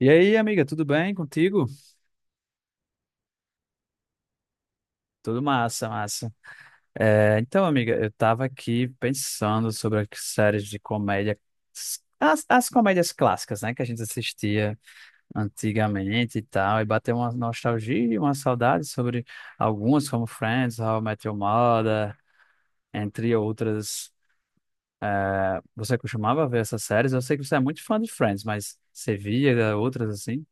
E aí, amiga, tudo bem contigo? Tudo massa, massa. Então, amiga, eu tava aqui pensando sobre as séries de comédia, as comédias clássicas, né, que a gente assistia antigamente e tal, e bateu uma nostalgia, e uma saudade sobre algumas, como Friends, How I Met Your Mother, entre outras. Você costumava ver essas séries? Eu sei que você é muito fã de Friends, mas você via outras assim?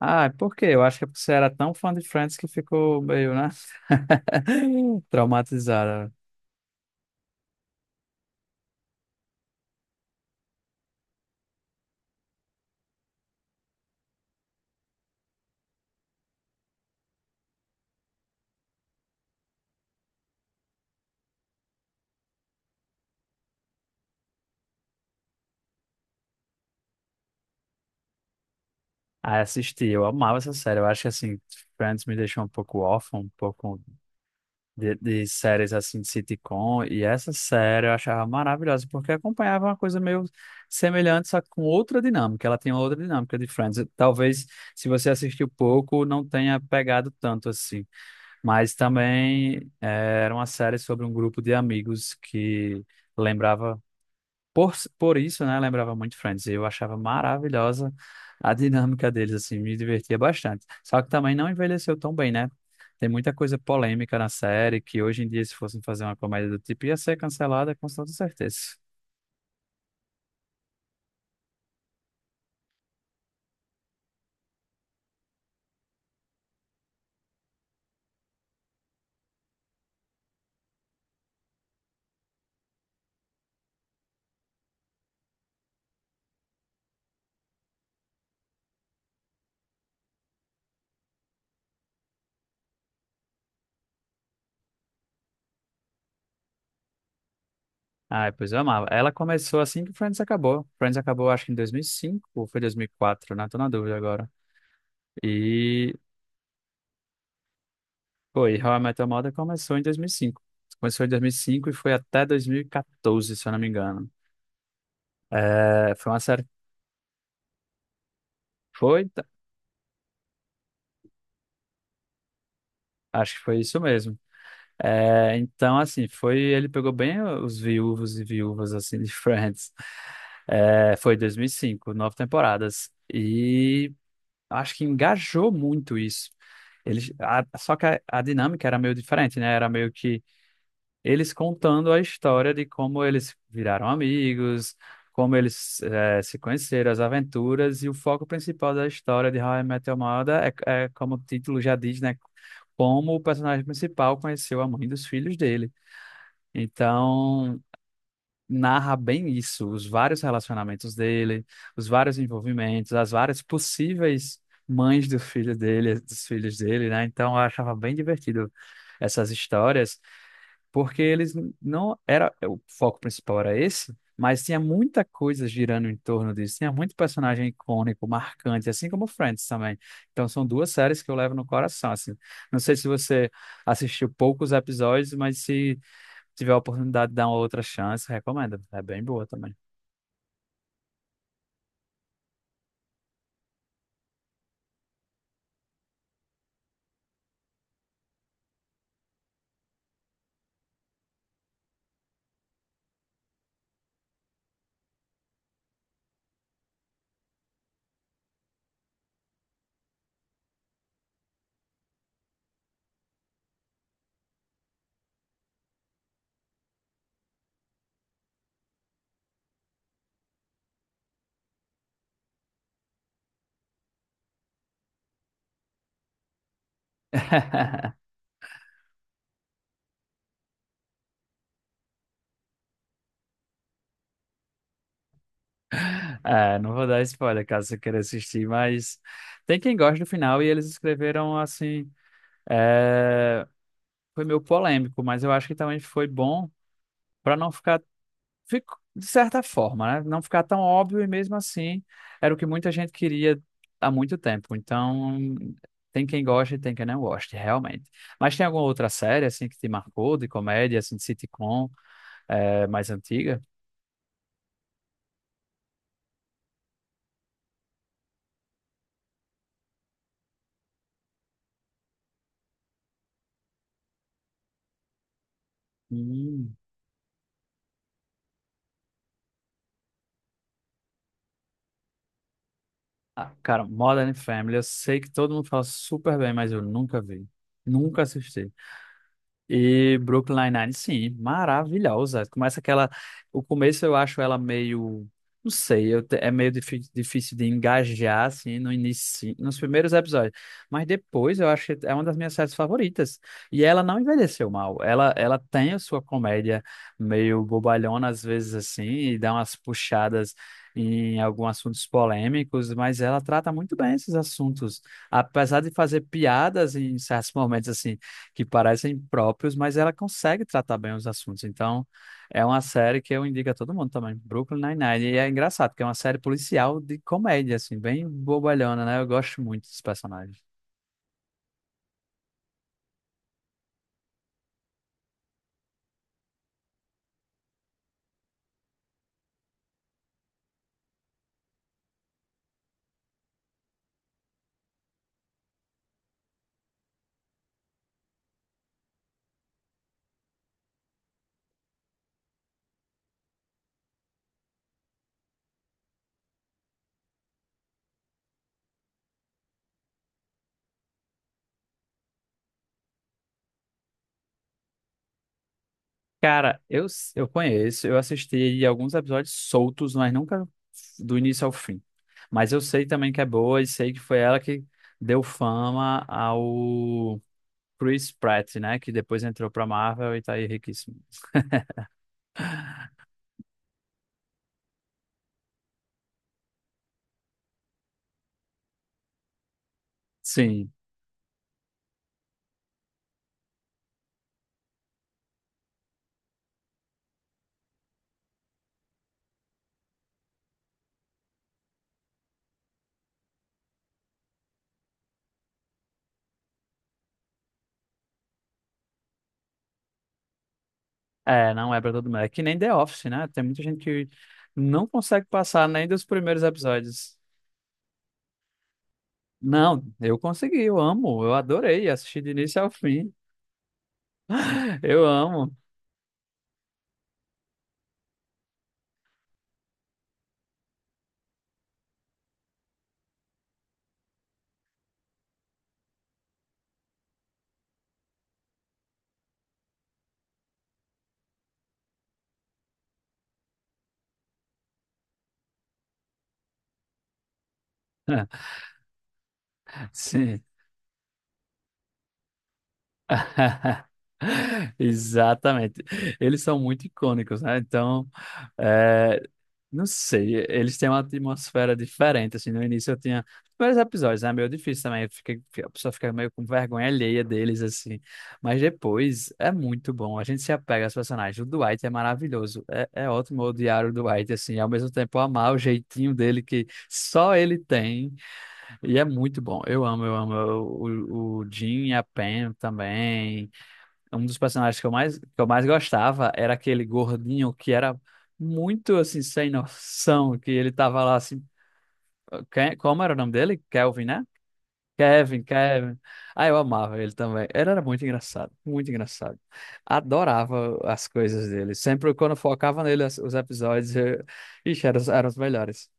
Ah, por quê? Eu acho que você era tão fã de Friends que ficou meio, né? Traumatizada. Ah, assisti, eu amava essa série. Eu acho que, assim, Friends me deixou um pouco órfão, um pouco de séries, assim, de sitcom. E essa série eu achava maravilhosa, porque acompanhava uma coisa meio semelhante, só que com outra dinâmica. Ela tinha outra dinâmica de Friends. Talvez, se você assistiu pouco, não tenha pegado tanto, assim. Mas também era uma série sobre um grupo de amigos que... Lembrava. Por isso, né, lembrava muito Friends. Eu achava maravilhosa a dinâmica deles, assim, me divertia bastante. Só que também não envelheceu tão bem, né? Tem muita coisa polêmica na série que hoje em dia, se fossem fazer uma comédia do tipo, ia ser cancelada com toda certeza. Ah, pois eu amava. Ela começou assim que Friends acabou. Friends acabou, acho que em 2005 ou foi 2004, né? Tô na dúvida agora. E, foi, e How I Met Your Mother começou em 2005. Começou em 2005 e cinco e foi até 2014, se eu não me engano. É, foi uma série. Foi. Acho que foi isso mesmo. É, então, assim, foi. Ele pegou bem os viúvos e viúvas, assim, de Friends. É, foi 2005, 9 temporadas. E acho que engajou muito isso. Só que a dinâmica era meio diferente, né? Era meio que eles contando a história de como eles viraram amigos, como eles se conheceram, as aventuras, e o foco principal da história de How I Met Your Mother é, como o título já diz, né? Como o personagem principal conheceu a mãe dos filhos dele. Então, narra bem isso, os vários relacionamentos dele, os vários envolvimentos, as várias possíveis mães do filho dele, dos filhos dele, né? Então, eu achava bem divertido essas histórias, porque eles, não era o foco principal era esse, mas tinha muita coisa girando em torno disso, tinha muito personagem icônico, marcante, assim como Friends também. Então são duas séries que eu levo no coração, assim. Não sei se você assistiu poucos episódios, mas se tiver a oportunidade de dar uma outra chance, recomendo. É bem boa também. É, não vou dar spoiler caso você queira assistir, mas tem quem gosta do final e eles escreveram assim. é, Foi meio polêmico, mas eu acho que também foi bom para não ficar, fico, de certa forma, né? Não ficar tão óbvio e mesmo assim era o que muita gente queria há muito tempo. Então, tem quem goste e tem quem não goste, realmente. Mas tem alguma outra série, assim, que te marcou, de comédia, assim, de sitcom, mais antiga? Hum. Ah, cara, Modern Family, eu sei que todo mundo fala super bem, mas eu nunca vi. Nunca assisti. E Brooklyn Nine-Nine, sim, maravilhosa. Começa aquela. O começo eu acho ela meio. Não sei, é meio difícil de engajar, assim, no início, nos primeiros episódios. Mas depois eu acho que é uma das minhas séries favoritas. E ela não envelheceu mal. Ela tem a sua comédia meio bobalhona, às vezes, assim, e dá umas puxadas em alguns assuntos polêmicos, mas ela trata muito bem esses assuntos. Apesar de fazer piadas em certos momentos, assim, que parecem próprios, mas ela consegue tratar bem os assuntos. Então, é uma série que eu indico a todo mundo também, Brooklyn Nine-Nine. E é engraçado, porque é uma série policial de comédia, assim, bem bobalhona, né? Eu gosto muito dos personagens. Eu conheço, eu assisti alguns episódios soltos, mas nunca do início ao fim. Mas eu sei também que é boa e sei que foi ela que deu fama ao Chris Pratt, né? Que depois entrou pra Marvel e tá aí riquíssimo. Sim. É, não é pra todo mundo. É que nem The Office, né? Tem muita gente que não consegue passar nem dos primeiros episódios. Não, eu consegui, eu amo, eu adorei assistir do início ao fim. Eu amo. Sim. Exatamente. Eles são muito icônicos, né? Então, é, não sei, eles têm uma atmosfera diferente, assim, no início eu tinha vários episódios, né? Meio difícil também, a pessoa fica meio com vergonha alheia deles, assim, mas depois é muito bom, a gente se apega aos personagens, o Dwight é maravilhoso, é ótimo odiar o Dwight, assim, e ao mesmo tempo amar o jeitinho dele que só ele tem, e é muito bom. Eu amo, eu amo. O Jim e a Pam também. Um dos personagens que eu mais gostava era aquele gordinho que era muito assim, sem noção, que ele tava lá assim. Como era o nome dele? Kelvin, né? Kevin, Kevin. Ah, eu amava ele também. Ele era muito engraçado, muito engraçado. Adorava as coisas dele. Sempre quando focava nele os episódios, eu... Ixi, eram os melhores.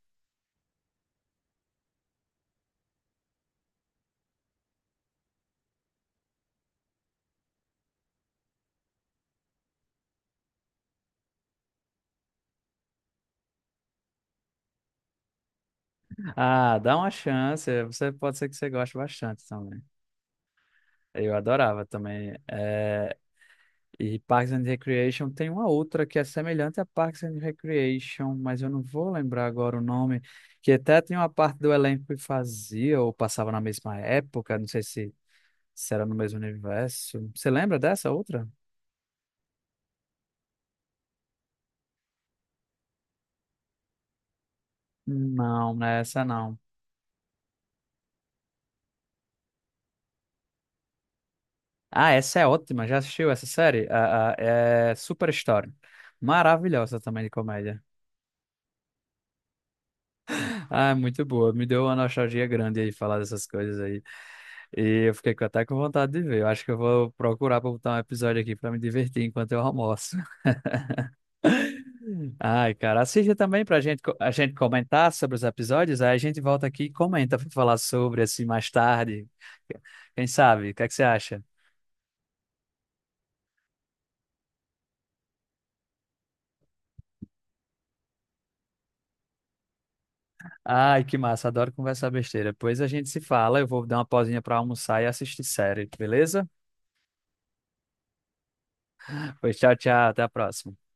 Ah, dá uma chance. Você pode ser que você goste bastante também. Eu adorava também. É, e Parks and Recreation tem uma outra que é semelhante a Parks and Recreation, mas eu não vou lembrar agora o nome, que até tem uma parte do elenco que fazia ou passava na mesma época, não sei se, se era no mesmo universo. Você lembra dessa outra? Não, não é essa não. Ah, essa é ótima. Já assistiu essa série? É Super Story. Maravilhosa também de comédia. Ah, muito boa. Me deu uma nostalgia grande aí falar dessas coisas aí. E eu fiquei até com vontade de ver. Eu acho que eu vou procurar pra botar um episódio aqui pra me divertir enquanto eu almoço. Ai, cara, assista também pra gente, a gente comentar sobre os episódios. Aí a gente volta aqui e comenta pra falar sobre assim mais tarde. Quem sabe? O que é que você acha? Ai, que massa, adoro conversar besteira. Depois a gente se fala. Eu vou dar uma pausinha pra almoçar e assistir série, beleza? Pois tchau, tchau, até a próxima.